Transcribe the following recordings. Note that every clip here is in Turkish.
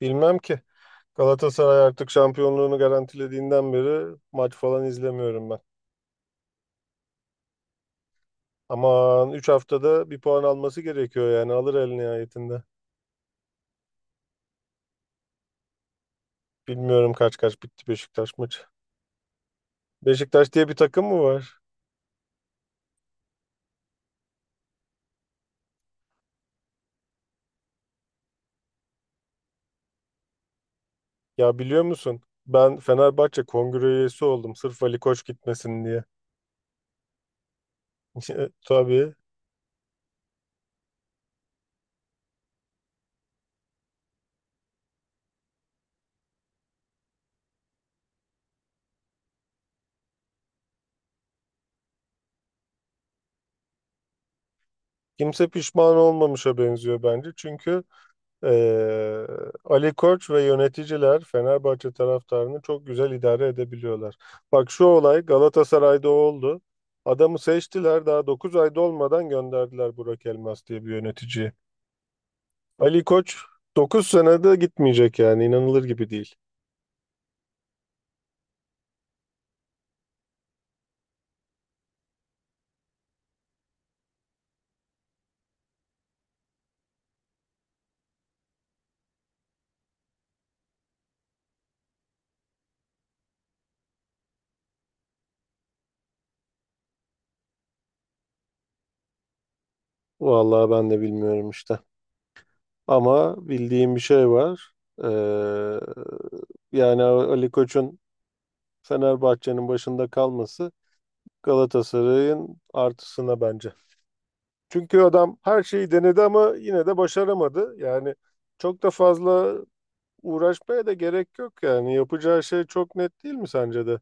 Bilmem ki. Galatasaray artık şampiyonluğunu garantilediğinden beri maç falan izlemiyorum ben. Aman 3 haftada bir puan alması gerekiyor yani alır el nihayetinde. Bilmiyorum kaç kaç bitti Beşiktaş maçı. Beşiktaş diye bir takım mı var? Ya biliyor musun? Ben Fenerbahçe kongre üyesi oldum sırf Ali Koç gitmesin diye. Tabii. Kimse pişman olmamışa benziyor bence. Çünkü Ee, Ali Koç ve yöneticiler Fenerbahçe taraftarını çok güzel idare edebiliyorlar. Bak şu olay Galatasaray'da oldu. Adamı seçtiler daha 9 ayda olmadan gönderdiler Burak Elmas diye bir yöneticiyi. Ali Koç 9 senede gitmeyecek yani inanılır gibi değil. Vallahi ben de bilmiyorum işte. Ama bildiğim bir şey var. Ee, yani Ali Koç'un Fenerbahçe'nin başında kalması Galatasaray'ın artısına bence. Çünkü adam her şeyi denedi ama yine de başaramadı. Yani çok da fazla uğraşmaya da gerek yok yani. Yapacağı şey çok net değil mi sence de?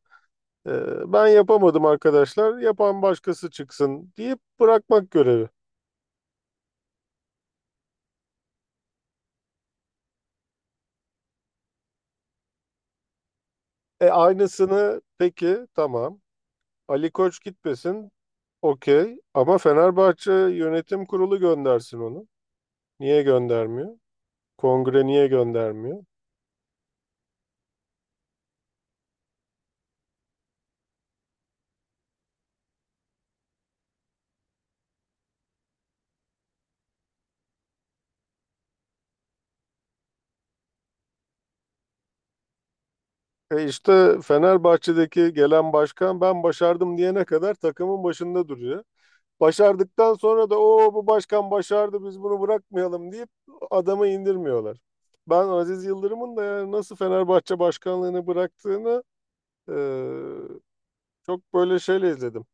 Ben yapamadım arkadaşlar, yapan başkası çıksın deyip bırakmak görevi. E aynısını peki tamam. Ali Koç gitmesin okey ama Fenerbahçe Yönetim Kurulu göndersin onu. Niye göndermiyor? Kongre niye göndermiyor? E işte Fenerbahçe'deki gelen başkan ben başardım diyene kadar takımın başında duruyor. Başardıktan sonra da o bu başkan başardı biz bunu bırakmayalım deyip adamı indirmiyorlar. Ben Aziz Yıldırım'ın da yani nasıl Fenerbahçe başkanlığını bıraktığını e, çok böyle şeyle izledim.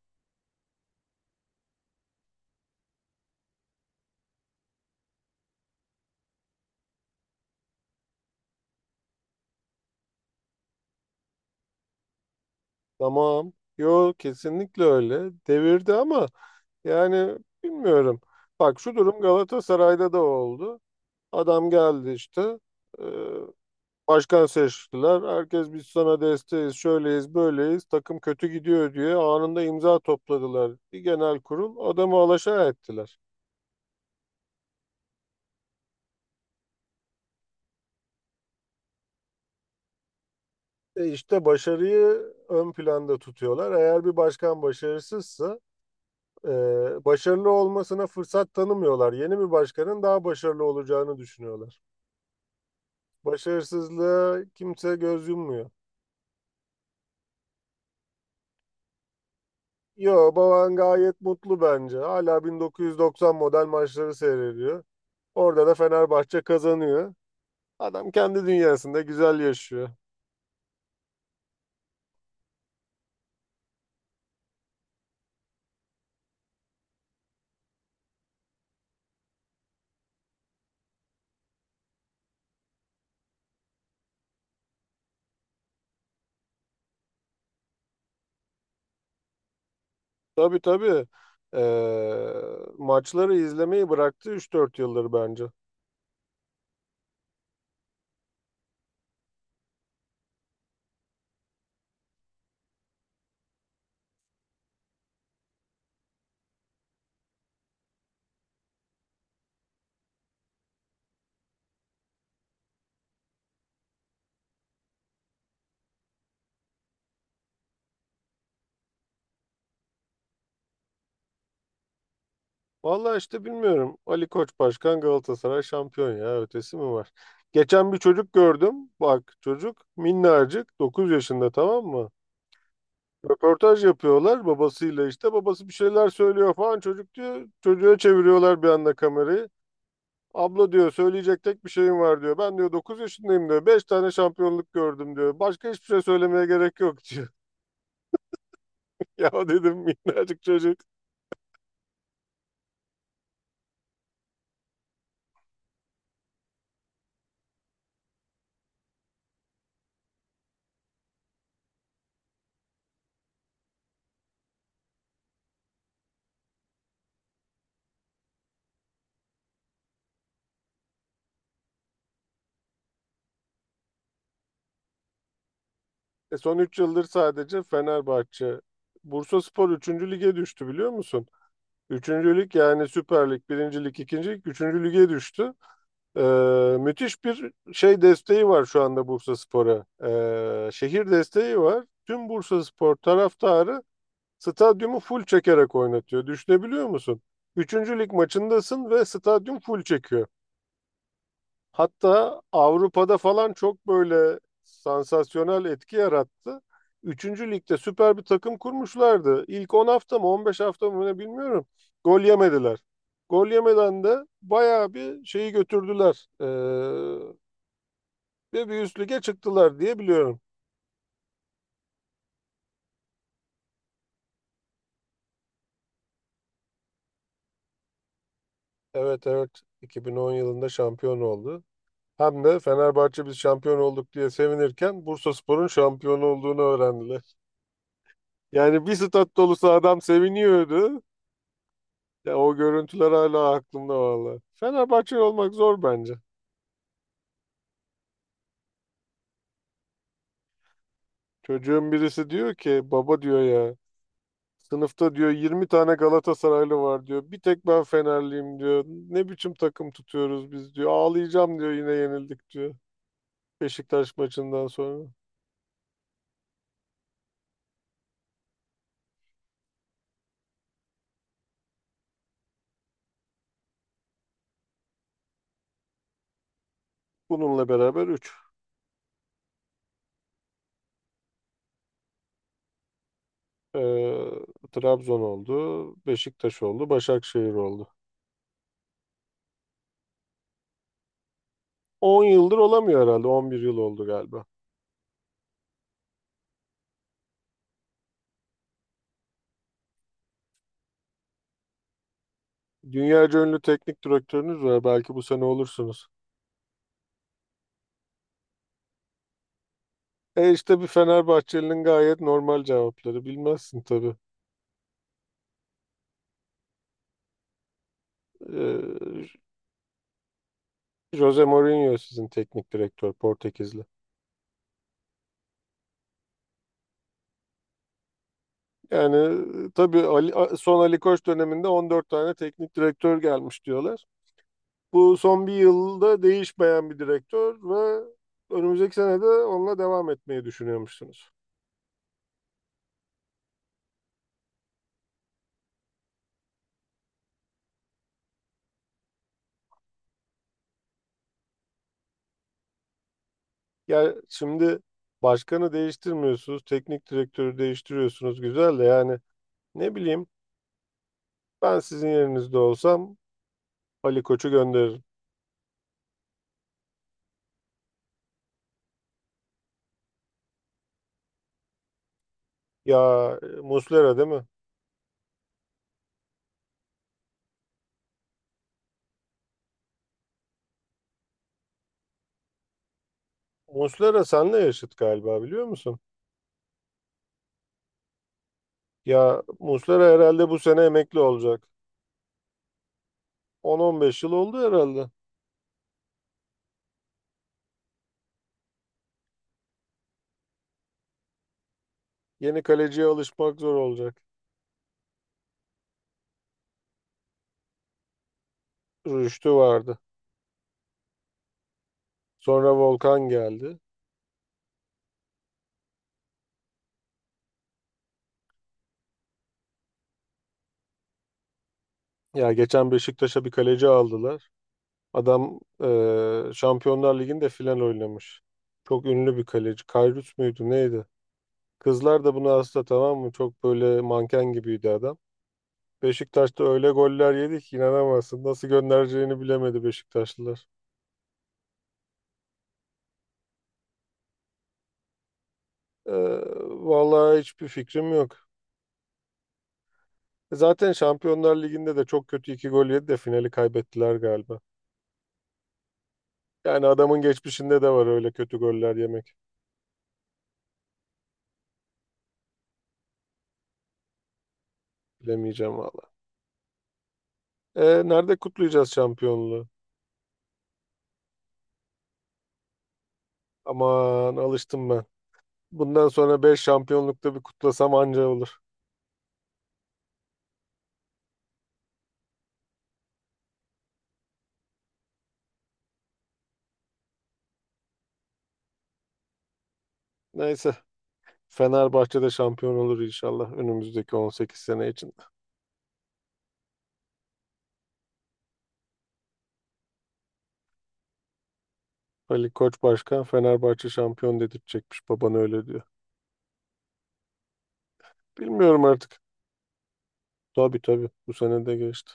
Tamam. Yo kesinlikle öyle. Devirdi ama yani bilmiyorum. Bak şu durum Galatasaray'da da oldu. Adam geldi işte. e, Başkan seçtiler. Herkes biz sana desteğiz, şöyleyiz, böyleyiz. Takım kötü gidiyor diye anında imza topladılar. Bir genel kurul adamı alaşağı ettiler. E işte başarıyı ön planda tutuyorlar. Eğer bir başkan başarısızsa e, başarılı olmasına fırsat tanımıyorlar. Yeni bir başkanın daha başarılı olacağını düşünüyorlar. Başarısızlığa kimse göz yummuyor. Yo, Bavan gayet mutlu bence. Hala 1990 model maçları seyrediyor. Orada da Fenerbahçe kazanıyor. Adam kendi dünyasında güzel yaşıyor. Tabii tabii. Ee, maçları izlemeyi bıraktı 3-4 yıldır bence. Vallahi işte bilmiyorum. Ali Koç Başkan Galatasaray şampiyon ya. Ötesi mi var? Geçen bir çocuk gördüm. Bak çocuk minnacık 9 yaşında tamam mı? Röportaj yapıyorlar babasıyla işte. Babası bir şeyler söylüyor falan. Çocuk diyor çocuğa çeviriyorlar bir anda kamerayı. Abla diyor söyleyecek tek bir şeyim var diyor. Ben diyor 9 yaşındayım diyor. 5 tane şampiyonluk gördüm diyor. Başka hiçbir şey söylemeye gerek yok diyor. Ya dedim minnacık çocuk. E son 3 yıldır sadece Fenerbahçe. Bursaspor üçüncü lige düştü biliyor musun? Üçüncü lig yani Süper Lig, 1. Lig, 2. Lig, 3. lige düştü. Ee, müthiş bir şey desteği var şu anda Bursaspor'a. Şehir desteği var. Tüm Bursaspor taraftarı stadyumu full çekerek oynatıyor. Düşünebiliyor musun? Üçüncü lig maçındasın ve stadyum full çekiyor. Hatta Avrupa'da falan çok böyle sansasyonel etki yarattı. Üçüncü ligde süper bir takım kurmuşlardı. İlk 10 hafta mı 15 hafta mı ne bilmiyorum. Gol yemediler. Gol yemeden de bayağı bir şeyi götürdüler. Ve bir üst lige çıktılar diye biliyorum. Evet evet, 2010 yılında şampiyon oldu. Hem de Fenerbahçe biz şampiyon olduk diye sevinirken Bursaspor'un şampiyon olduğunu öğrendiler. Yani bir stat dolusu adam seviniyordu. Ya o görüntüler hala aklımda valla. Fenerbahçe olmak zor bence. Çocuğun birisi diyor ki baba diyor ya sınıfta diyor 20 tane Galatasaraylı var diyor. Bir tek ben Fenerliyim diyor. Ne biçim takım tutuyoruz biz diyor. Ağlayacağım diyor yine yenildik diyor. Beşiktaş maçından sonra. Bununla beraber 3. Ee, Trabzon oldu, Beşiktaş oldu, Başakşehir oldu. 10 yıldır olamıyor herhalde. 11 yıl oldu galiba. Dünyaca ünlü teknik direktörünüz var. Belki bu sene olursunuz. E işte bir Fenerbahçeli'nin gayet normal cevapları. Bilmezsin tabii. Ee, Jose Mourinho sizin teknik direktör Portekizli. Yani tabii Ali, son Ali Koç döneminde 14 tane teknik direktör gelmiş diyorlar. Bu son bir yılda değişmeyen bir direktör ve önümüzdeki sene de onunla devam etmeyi düşünüyormuşsunuz. Yani şimdi başkanı değiştirmiyorsunuz, teknik direktörü değiştiriyorsunuz. Güzel de yani ne bileyim ben sizin yerinizde olsam Ali Koç'u gönderirim. Ya Muslera değil mi? Muslera senle yaşıt galiba biliyor musun? Ya Muslera herhalde bu sene emekli olacak. 10-15 yıl oldu herhalde. Yeni kaleciye alışmak zor olacak. Rüştü vardı. Sonra Volkan geldi. Ya geçen Beşiktaş'a bir kaleci aldılar. Adam Şampiyonlar Ligi'nde final oynamış. Çok ünlü bir kaleci. Kayrut muydu neydi? Kızlar da buna hasta tamam mı? Çok böyle manken gibiydi adam. Beşiktaş'ta öyle goller yedik ki inanamazsın. Nasıl göndereceğini bilemedi Beşiktaşlılar. Eee vallahi hiçbir fikrim yok. Zaten Şampiyonlar Ligi'nde de çok kötü iki gol yedi de finali kaybettiler galiba. Yani adamın geçmişinde de var öyle kötü goller yemek. Bilemeyeceğim vallahi. Nerede kutlayacağız şampiyonluğu? Aman alıştım ben. Bundan sonra 5 şampiyonlukta bir kutlasam anca olur. Neyse. Fenerbahçe'de şampiyon olur inşallah önümüzdeki 18 sene için. Ali Koç Başkan Fenerbahçe şampiyon dedirtecekmiş. Baban öyle diyor. Bilmiyorum artık. Tabii tabii. Bu sene de geçti.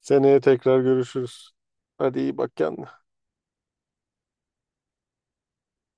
Seneye tekrar görüşürüz. Hadi iyi bak kendine.